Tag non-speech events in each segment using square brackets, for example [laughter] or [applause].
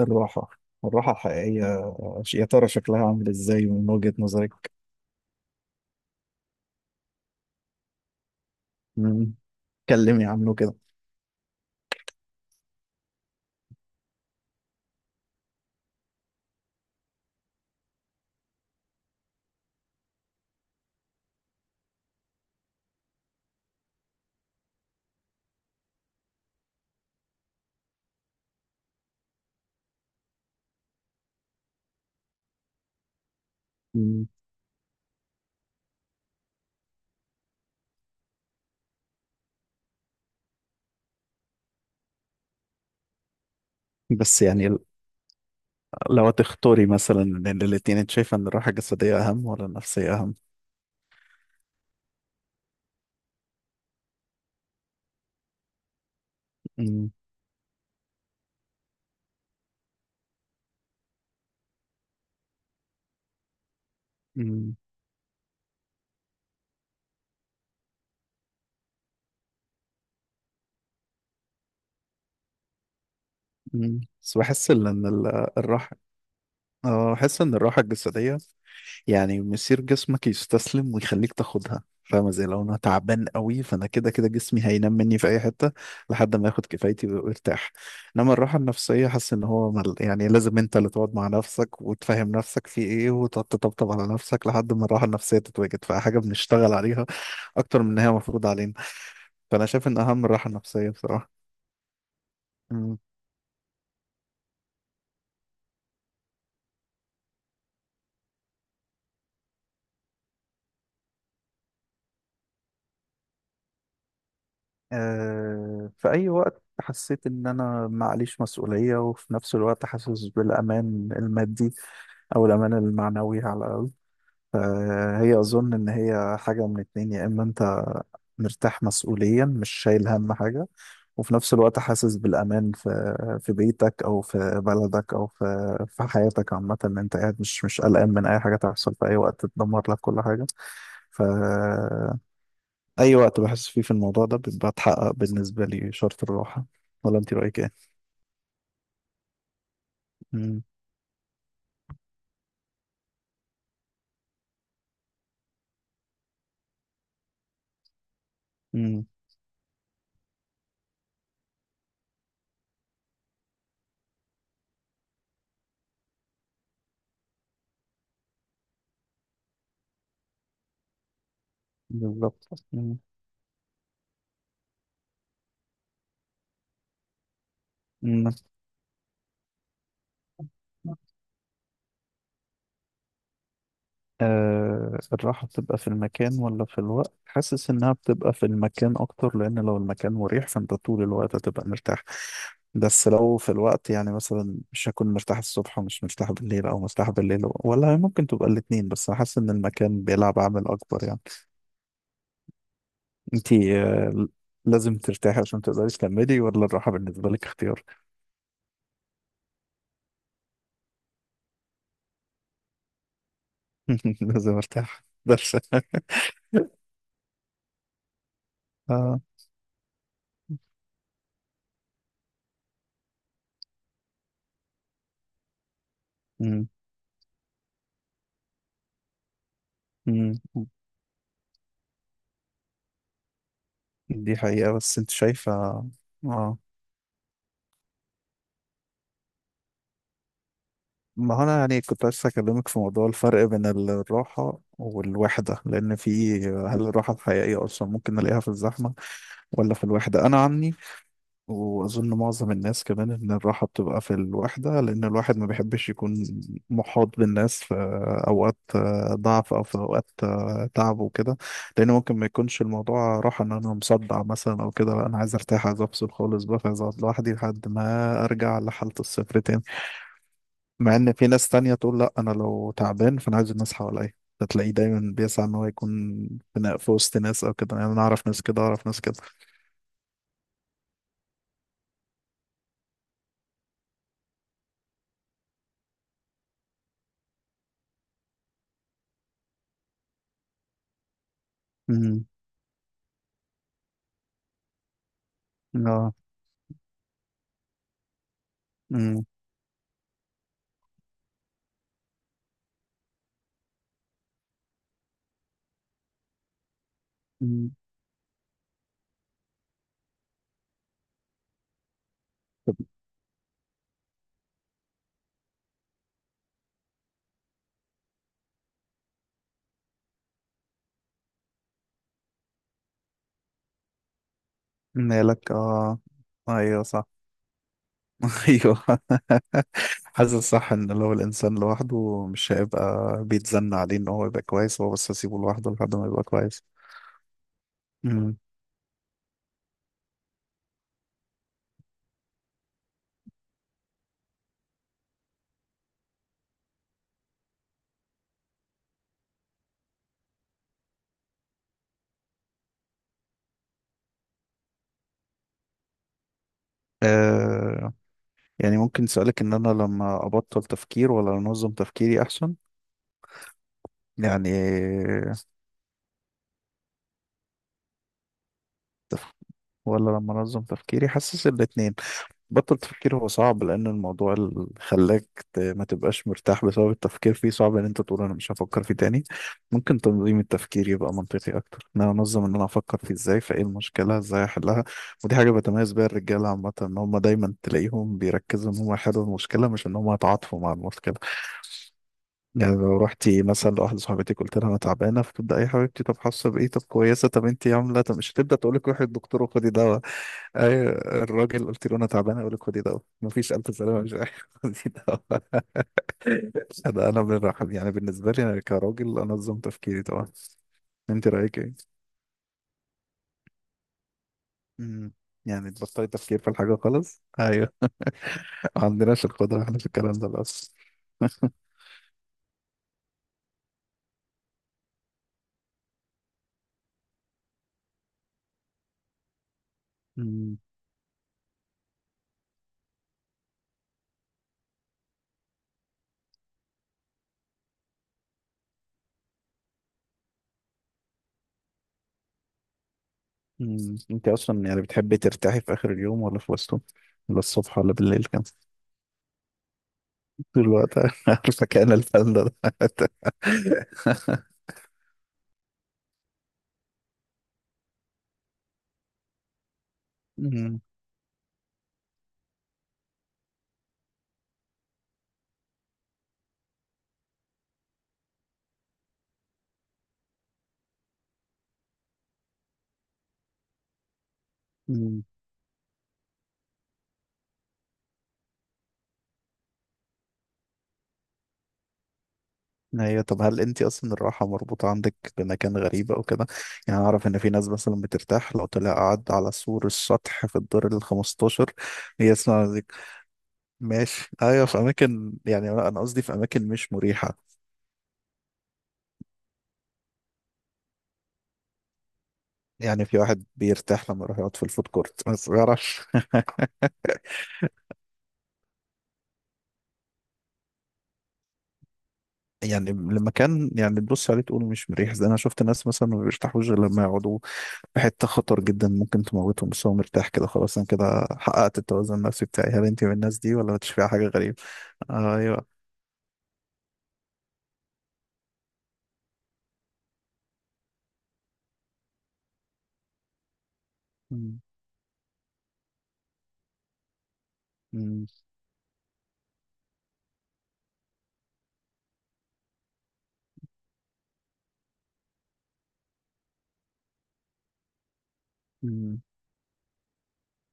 الراحة الراحة الحقيقية. يا ترى شكلها عامل ازاي من وجهة نظرك؟ مم. كلمي عنه كده. مم. بس يعني لو هتختاري مثلا بين الاتنين انت شايفة ان الراحة الجسدية اهم ولا النفسية اهم؟ مم. مم. مم. بس بحس ان الراحة. اه بحس ان الراحة الجسدية يعني مسير جسمك يستسلم ويخليك تاخدها، فاهمة؟ زي لو انا تعبان قوي فانا كده كده جسمي هينام مني في اي حتة لحد ما ياخد كفايتي وارتاح. انما الراحة النفسية حاسس ان هو يعني لازم انت اللي تقعد مع نفسك وتفهم نفسك في ايه وتقعد تطبطب على نفسك لحد ما الراحة النفسية تتواجد، فحاجة بنشتغل عليها اكتر من ان هي مفروض علينا. فانا شايف ان اهم الراحة النفسية بصراحة. مم. آه، في أي وقت حسيت إن أنا معليش مسؤولية وفي نفس الوقت حاسس بالأمان المادي أو الأمان المعنوي على الأقل. فهي أظن إن هي حاجة من اتنين، يا إما أنت مرتاح مسؤوليا مش شايل هم حاجة وفي نفس الوقت حاسس بالأمان في في بيتك أو في بلدك أو في في حياتك عامة إن أنت قاعد مش قلقان من أي حاجة تحصل في أي وقت تدمر لك كل حاجة. ف أي وقت بحس فيه في الموضوع ده بيبقى اتحقق بالنسبة لي شرط الراحة. ولا أنت رأيك إيه؟ مم. مم. بالظبط. مم. مم. آه، الراحة بتبقى في المكان ولا في الوقت؟ حاسس إنها بتبقى في المكان أكتر، لأن لو المكان مريح فأنت طول الوقت هتبقى مرتاح. بس لو في الوقت يعني مثلا مش هكون مرتاح الصبح ومش مرتاح بالليل أو مرتاح بالليل ولا ممكن تبقى الاتنين، بس أنا حاسس إن المكان بيلعب عامل أكبر يعني. أنتي لازم ترتاحي عشان تقدري تكملي ولا الراحة بالنسبة لك اختيار؟ [laughs] لازم أرتاح درس [laughs] آه. مم. مم. دي حقيقة بس أنت شايفة. آه ما هو انا يعني كنت عايز اكلمك في موضوع الفرق بين الراحة والوحدة، لان في هل الراحة الحقيقية اصلا ممكن نلاقيها في الزحمة ولا في الوحدة؟ انا عني واظن معظم الناس كمان ان الراحة بتبقى في الوحدة، لان الواحد ما بيحبش يكون محاط بالناس في اوقات ضعف او في اوقات تعب وكده. لان ممكن ما يكونش الموضوع راحة ان انا مصدع مثلا او كده، لا انا عايز ارتاح عايز افصل خالص بقى فعايز اقعد لوحدي لحد ما ارجع لحالة الصفر تاني. مع ان في ناس تانية تقول لا انا لو تعبان فانا عايز الناس حواليا، فتلاقيه دايما بيسعى ان هو يكون في في وسط ناس او كده. يعني انا اعرف ناس كده اعرف ناس كده. امم. اه. امم. أمم. مالك، اه. ايوه صح. [laughs] ايوه. حاسس صح ان لو الانسان لوحده مش هيبقى بيتزن عليه ان هو يبقى كويس، هو بس اسيبه لوحده لحد ما يبقى كويس. امم. آه، يعني ممكن سؤالك ان انا لما ابطل تفكير ولا انظم تفكيري احسن؟ يعني تف... ولا لما انظم تفكيري؟ حاسس الاتنين. بطل تفكير هو صعب، لان الموضوع اللي خلاك ما تبقاش مرتاح بسبب التفكير فيه صعب ان انت تقول انا مش هفكر فيه تاني. ممكن تنظيم التفكير يبقى منطقي اكتر، ان انا انظم ان انا افكر فيه ازاي، فايه المشكله، ازاي احلها. ودي حاجه بتميز بيها الرجاله عامه، ان هم دايما تلاقيهم بيركزوا ان هم يحلوا المشكله مش ان هم يتعاطفوا مع المشكله. يعني لو رحتي مثلا لواحده صاحبتي قلت لها انا تعبانه، فتبدا اي حبيبتي طب حاسه بايه طب كويسه طب انت عامله طب، مش هتبدا تقول لك روحي الدكتور وخدي دواء. ايوه، الراجل قلت له انا تعبان اقول لك خدي دواء مفيش الف سلامه مش عارف [laughs] خدي دواء. انا بالرحم يعني بالنسبه لي انا كراجل انظم تفكيري طبعا. انت رايك ايه؟ امم. يعني تبطلي تفكير في الحاجه خالص، ايوه. ما عندناش القدره احنا في الكلام ده اصلا. امم. أمم. انت اصلا يعني بتحبي ترتاحي في اخر اليوم ولا في وسطه؟ ولا الصبح ولا بالليل كان؟ طول الوقت؟ [laughs] عارفه كان الفن ده [laughs] أمم. أمم. ايوه، طب هل انت اصلا الراحه مربوطه عندك بمكان غريب او كده؟ يعني اعرف ان في ناس مثلا بترتاح لو طلع قعد على سور السطح في الدور ال 15 يسمع مزيكا ماشي. ايوه في اماكن يعني، لا، انا قصدي في اماكن مش مريحه. يعني في واحد بيرتاح لما يروح يقعد في الفود كورت بس ما يعرفش [laughs] يعني المكان يعني تبص عليه تقول مش مريح، زي انا شفت ناس مثلا ما بيرتاحوش غير لما يقعدوا في حته خطر جدا ممكن تموتهم، بس هو مرتاح كده خلاص انا كده حققت التوازن النفسي بتاعي. هل انت من الناس دي ولا بتشوفيها حاجه غريبه؟ ايوه. مم. مم. مم.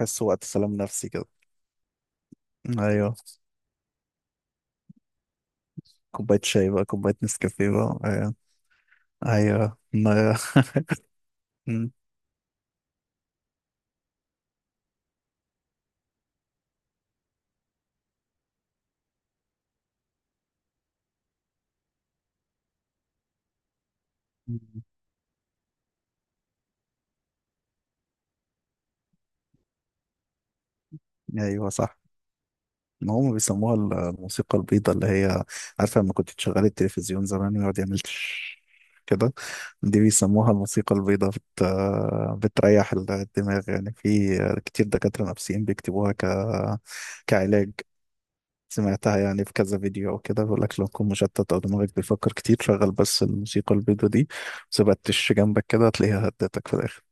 حس وقت سلام نفسي كده. ايوه كوبايه شاي بقى، كوبايه نسكافيه بقى، ايوه. ايوه، ما- [laughs] مم. مم. ايوه صح. ما هم بيسموها الموسيقى البيضاء اللي هي، عارفه لما كنت تشغلي التلفزيون زمان ويقعد يعمل تش كده؟ دي بيسموها الموسيقى البيضاء، بتريح الدماغ. يعني في كتير دكاتره نفسيين بيكتبوها كعلاج. سمعتها يعني في كذا فيديو او كده بيقول لك لو تكون مشتت او دماغك بيفكر كتير شغل بس الموسيقى البيضة دي ما سيبتش جنبك كده، هتلاقيها هدتك في الاخر.